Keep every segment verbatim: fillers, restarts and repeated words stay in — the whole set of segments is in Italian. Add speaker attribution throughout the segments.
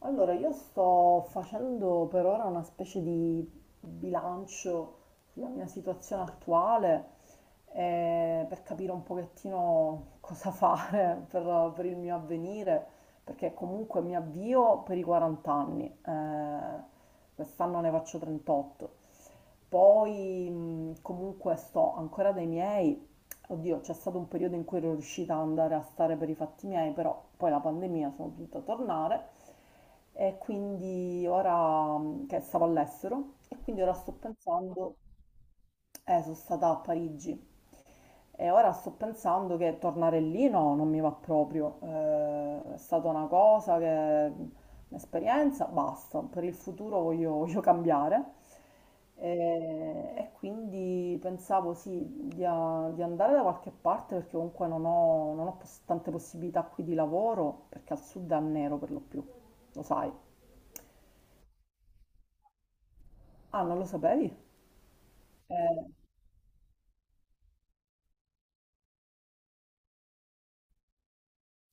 Speaker 1: Allora, io sto facendo per ora una specie di bilancio sulla mia situazione attuale, eh, per capire un pochettino cosa fare per, per il mio avvenire, perché comunque mi avvio per i quaranta anni, eh, quest'anno ne faccio trentotto. Poi mh, comunque sto ancora dai miei. Oddio, c'è stato un periodo in cui ero riuscita ad andare a stare per i fatti miei, però poi la pandemia sono dovuta tornare, e quindi ora mh, che stavo all'estero, e quindi ora sto pensando, eh, sono stata a Parigi e ora sto pensando che tornare lì no, non mi va proprio. Eh, è stata una cosa che, un'esperienza, basta. Per il futuro voglio, voglio cambiare. E, e quindi pensavo sì, di, a- di andare da qualche parte perché comunque non ho, non ho pos- tante possibilità qui di lavoro, perché al sud è a nero per lo più, lo sai. Ah, non lo sapevi? Eh,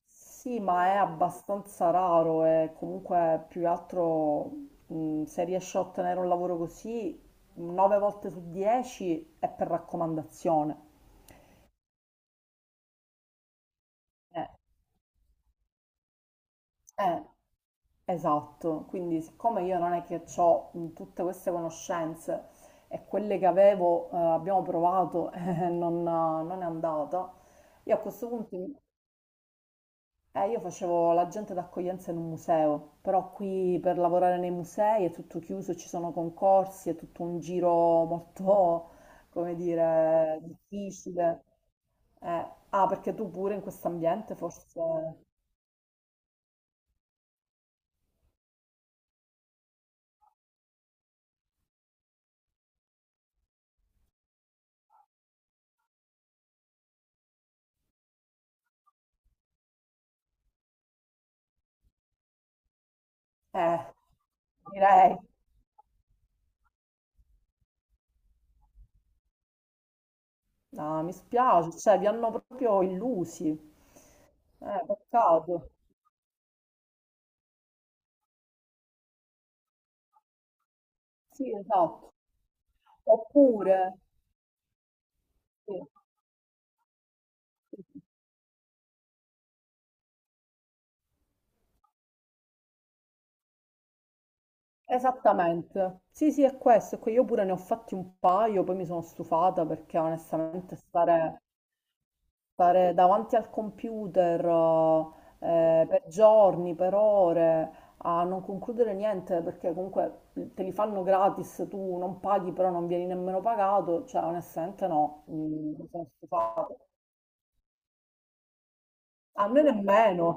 Speaker 1: Sì, ma è abbastanza raro e comunque più che altro, mh, se riesci a ottenere un lavoro così, nove volte su dieci è per raccomandazione. Eh, eh, esatto, quindi siccome io non è che ho tutte queste conoscenze, e quelle che avevo, eh, abbiamo provato e non, non è andata, io a questo punto... Eh, io facevo l'agente d'accoglienza in un museo, però qui per lavorare nei musei è tutto chiuso, ci sono concorsi, è tutto un giro molto, come dire, difficile. Eh, ah, perché tu pure in questo ambiente forse... Eh, direi... No, mi spiace, cioè vi hanno proprio illusi. Eh, peccato. Sì, esatto. Oppure... sì, sì, sì. Esattamente. Sì, sì, è questo. è que- Io pure ne ho fatti un paio, poi mi sono stufata perché onestamente stare, stare davanti al computer eh, per giorni, per ore, a non concludere niente, perché comunque te li fanno gratis, tu non paghi, però non vieni nemmeno pagato, cioè onestamente no, mm, mi sono stufata. A me nemmeno.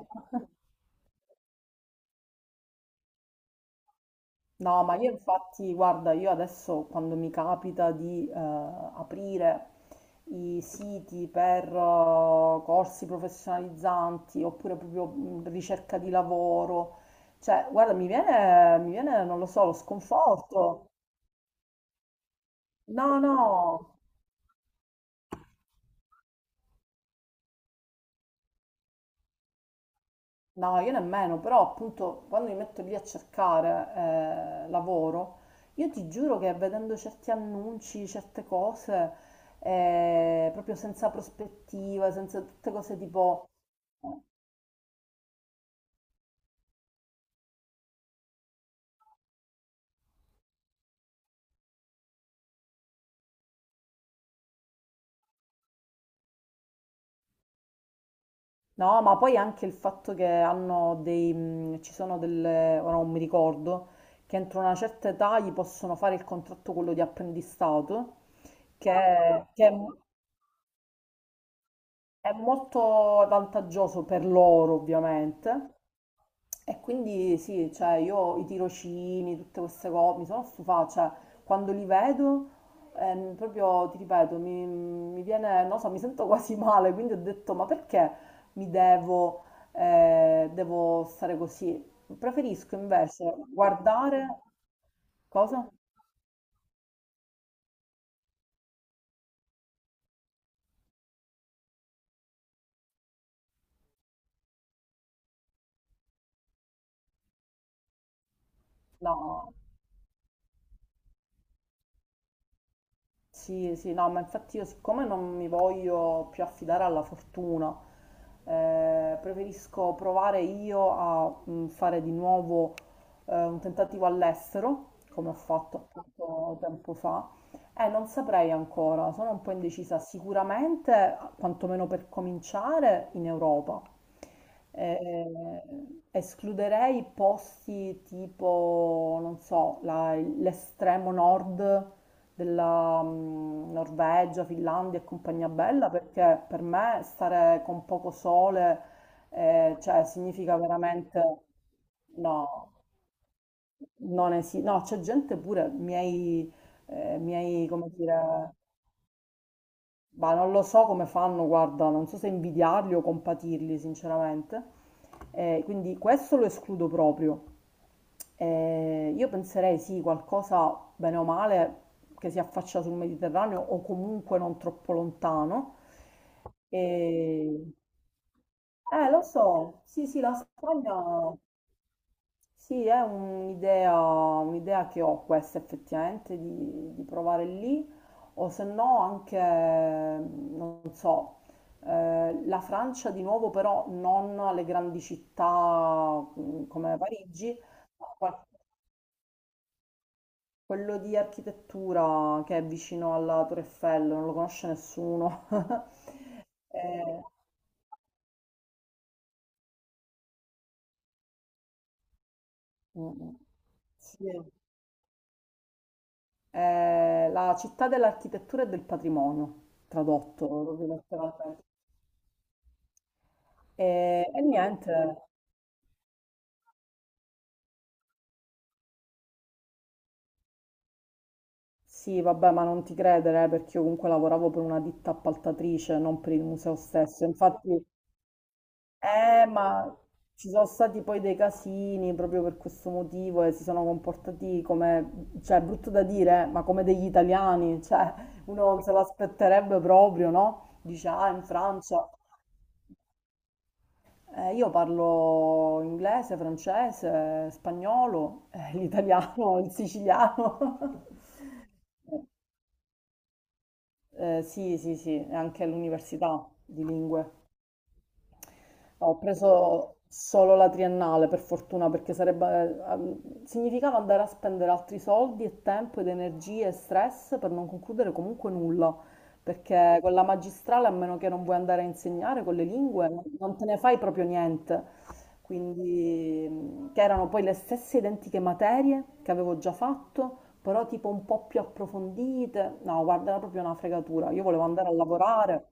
Speaker 1: No, ma io infatti, guarda, io adesso quando mi capita di eh, aprire i siti per eh, corsi professionalizzanti, oppure proprio mh, ricerca di lavoro, cioè, guarda, mi viene, mi viene, non lo so, lo sconforto. No, no. No, io nemmeno, però appunto quando mi metto lì a cercare eh, lavoro, io ti giuro che vedendo certi annunci, certe cose, eh, proprio senza prospettiva, senza tutte cose tipo... No, ma poi anche il fatto che hanno dei... mh, ci sono delle... ora non mi ricordo, che entro una certa età gli possono fare il contratto quello di apprendistato, che, che è mo- è molto vantaggioso per loro ovviamente. E quindi sì, cioè io i tirocini, tutte queste cose, mi sono stufata, cioè quando li vedo, ehm, proprio ti ripeto, mi, mi viene, non so, mi sento quasi male, quindi ho detto, ma perché mi devo, eh, devo stare così? Preferisco invece guardare, cosa? No. Sì, sì, no, ma infatti io siccome non mi voglio più affidare alla fortuna, eh, preferisco provare io a mm, fare di nuovo eh, un tentativo all'estero, come ho fatto appunto tempo fa, e non saprei ancora, sono un po' indecisa, sicuramente, quantomeno per cominciare, in Europa. Eh, escluderei posti tipo, non so, la- l'estremo nord della mm, Norvegia, Finlandia e compagnia bella, perché per me stare con poco sole, eh, cioè, significa veramente... No, non esiste. No, c'è gente pure, miei, eh, miei, come dire, ma non lo so come fanno, guarda, non so se invidiarli o compatirli, sinceramente. Eh, quindi questo lo escludo proprio. Eh, io penserei sì, qualcosa bene o male che si affaccia sul Mediterraneo o comunque non troppo lontano. E- Eh, lo so, sì, sì, la Spagna. Sì, è un'idea un'idea che ho questa effettivamente di, di provare lì, o se no anche, non so, eh, la Francia di nuovo, però non alle grandi città mm, come Parigi, ma qual- quello di architettura che è vicino alla Torre Eiffel, non lo conosce nessuno. Eh, mm, mm. sì. È la città dell'architettura e del patrimonio, tradotto proprio letteralmente. E, e niente, sì, vabbè, ma non ti credere, eh, perché io comunque lavoravo per una ditta appaltatrice, non per il museo stesso. Infatti, eh, ma ci sono stati poi dei casini proprio per questo motivo e si sono comportati come, cioè, è brutto da dire, eh, ma come degli italiani, cioè, uno non se l'aspetterebbe proprio, no? Dice, ah, in Francia. Eh, io parlo inglese, francese, spagnolo, eh, l'italiano, il siciliano. Eh, sì, sì, sì, e anche all'università di lingue. Ho preso solo la triennale, per fortuna, perché sarebbe, eh, significava andare a spendere altri soldi e tempo ed energie e stress per non concludere comunque nulla, perché con la magistrale, a meno che non vuoi andare a insegnare con le lingue, non, non te ne fai proprio niente. Quindi, mh, che erano poi le stesse identiche materie che avevo già fatto, però tipo un po' più approfondite. No, guarda, era proprio una fregatura. Io volevo andare a lavorare.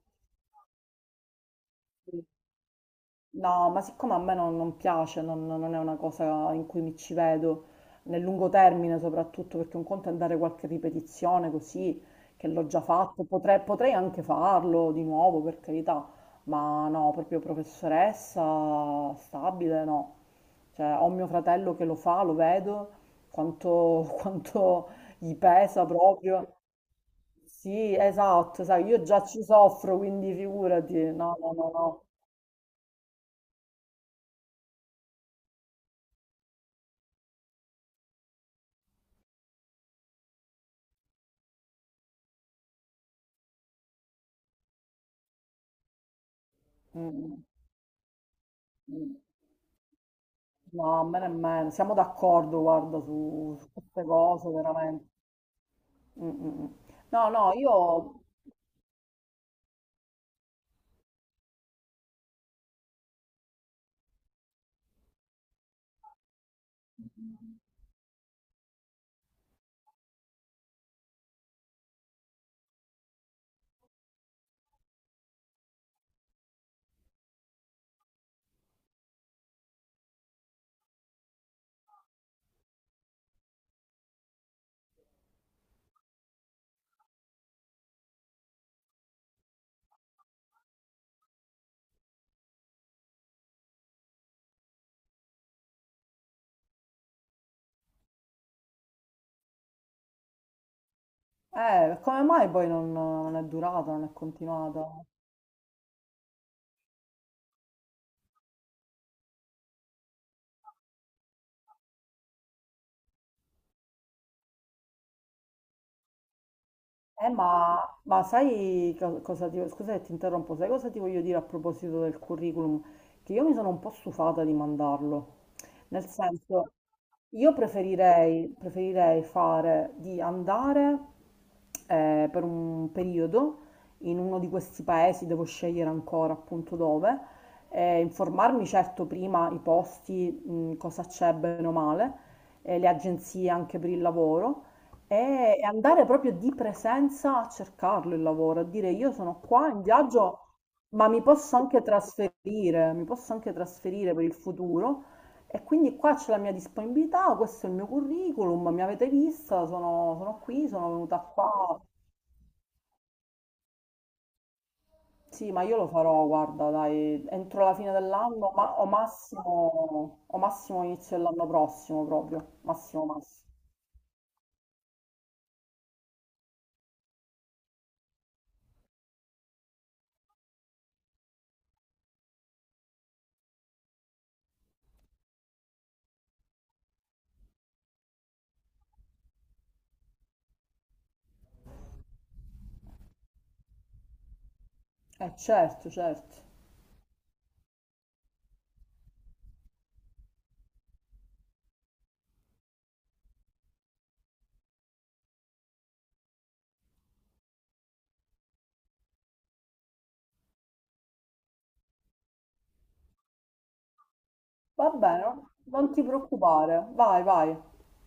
Speaker 1: No, ma siccome a me non, non piace, non, non è una cosa in cui mi ci vedo, nel lungo termine soprattutto, perché un conto è andare qualche ripetizione così, che l'ho già fatto, potrei, potrei anche farlo di nuovo, per carità, ma no, proprio professoressa stabile, no. Cioè, ho mio fratello che lo fa, lo vedo, quanto, quanto gli pesa proprio. Sì, esatto, sai, io già ci soffro, quindi figurati, no, no, no, no. Mm, mm, mm. No, a me nemmeno, siamo d'accordo, guarda, su, su queste cose, veramente. Mm, mm, mm. No, no, io... Eh, come mai poi non, non è durata, non è continuata? Eh, ma, ma sai co- cosa ti, scusa se ti interrompo, sai cosa ti voglio dire a proposito del curriculum? Che io mi sono un po' stufata di mandarlo. Nel senso, io preferirei, preferirei fare di andare eh, per un periodo in uno di questi paesi, devo scegliere ancora appunto dove, eh, informarmi certo prima i posti, mh, cosa c'è bene o male, eh, le agenzie anche per il lavoro e e andare proprio di presenza a cercarlo il lavoro, a dire io sono qua in viaggio, ma mi posso anche trasferire, mi posso anche trasferire per il futuro. E quindi qua c'è la mia disponibilità, questo è il mio curriculum, mi avete vista, sono, sono qui, sono venuta qua. Sì, ma io lo farò, guarda, dai, entro la fine dell'anno, ma o massimo, o massimo inizio dell'anno prossimo proprio, massimo massimo. Eh certo, certo. Va bene, non ti preoccupare, vai, vai.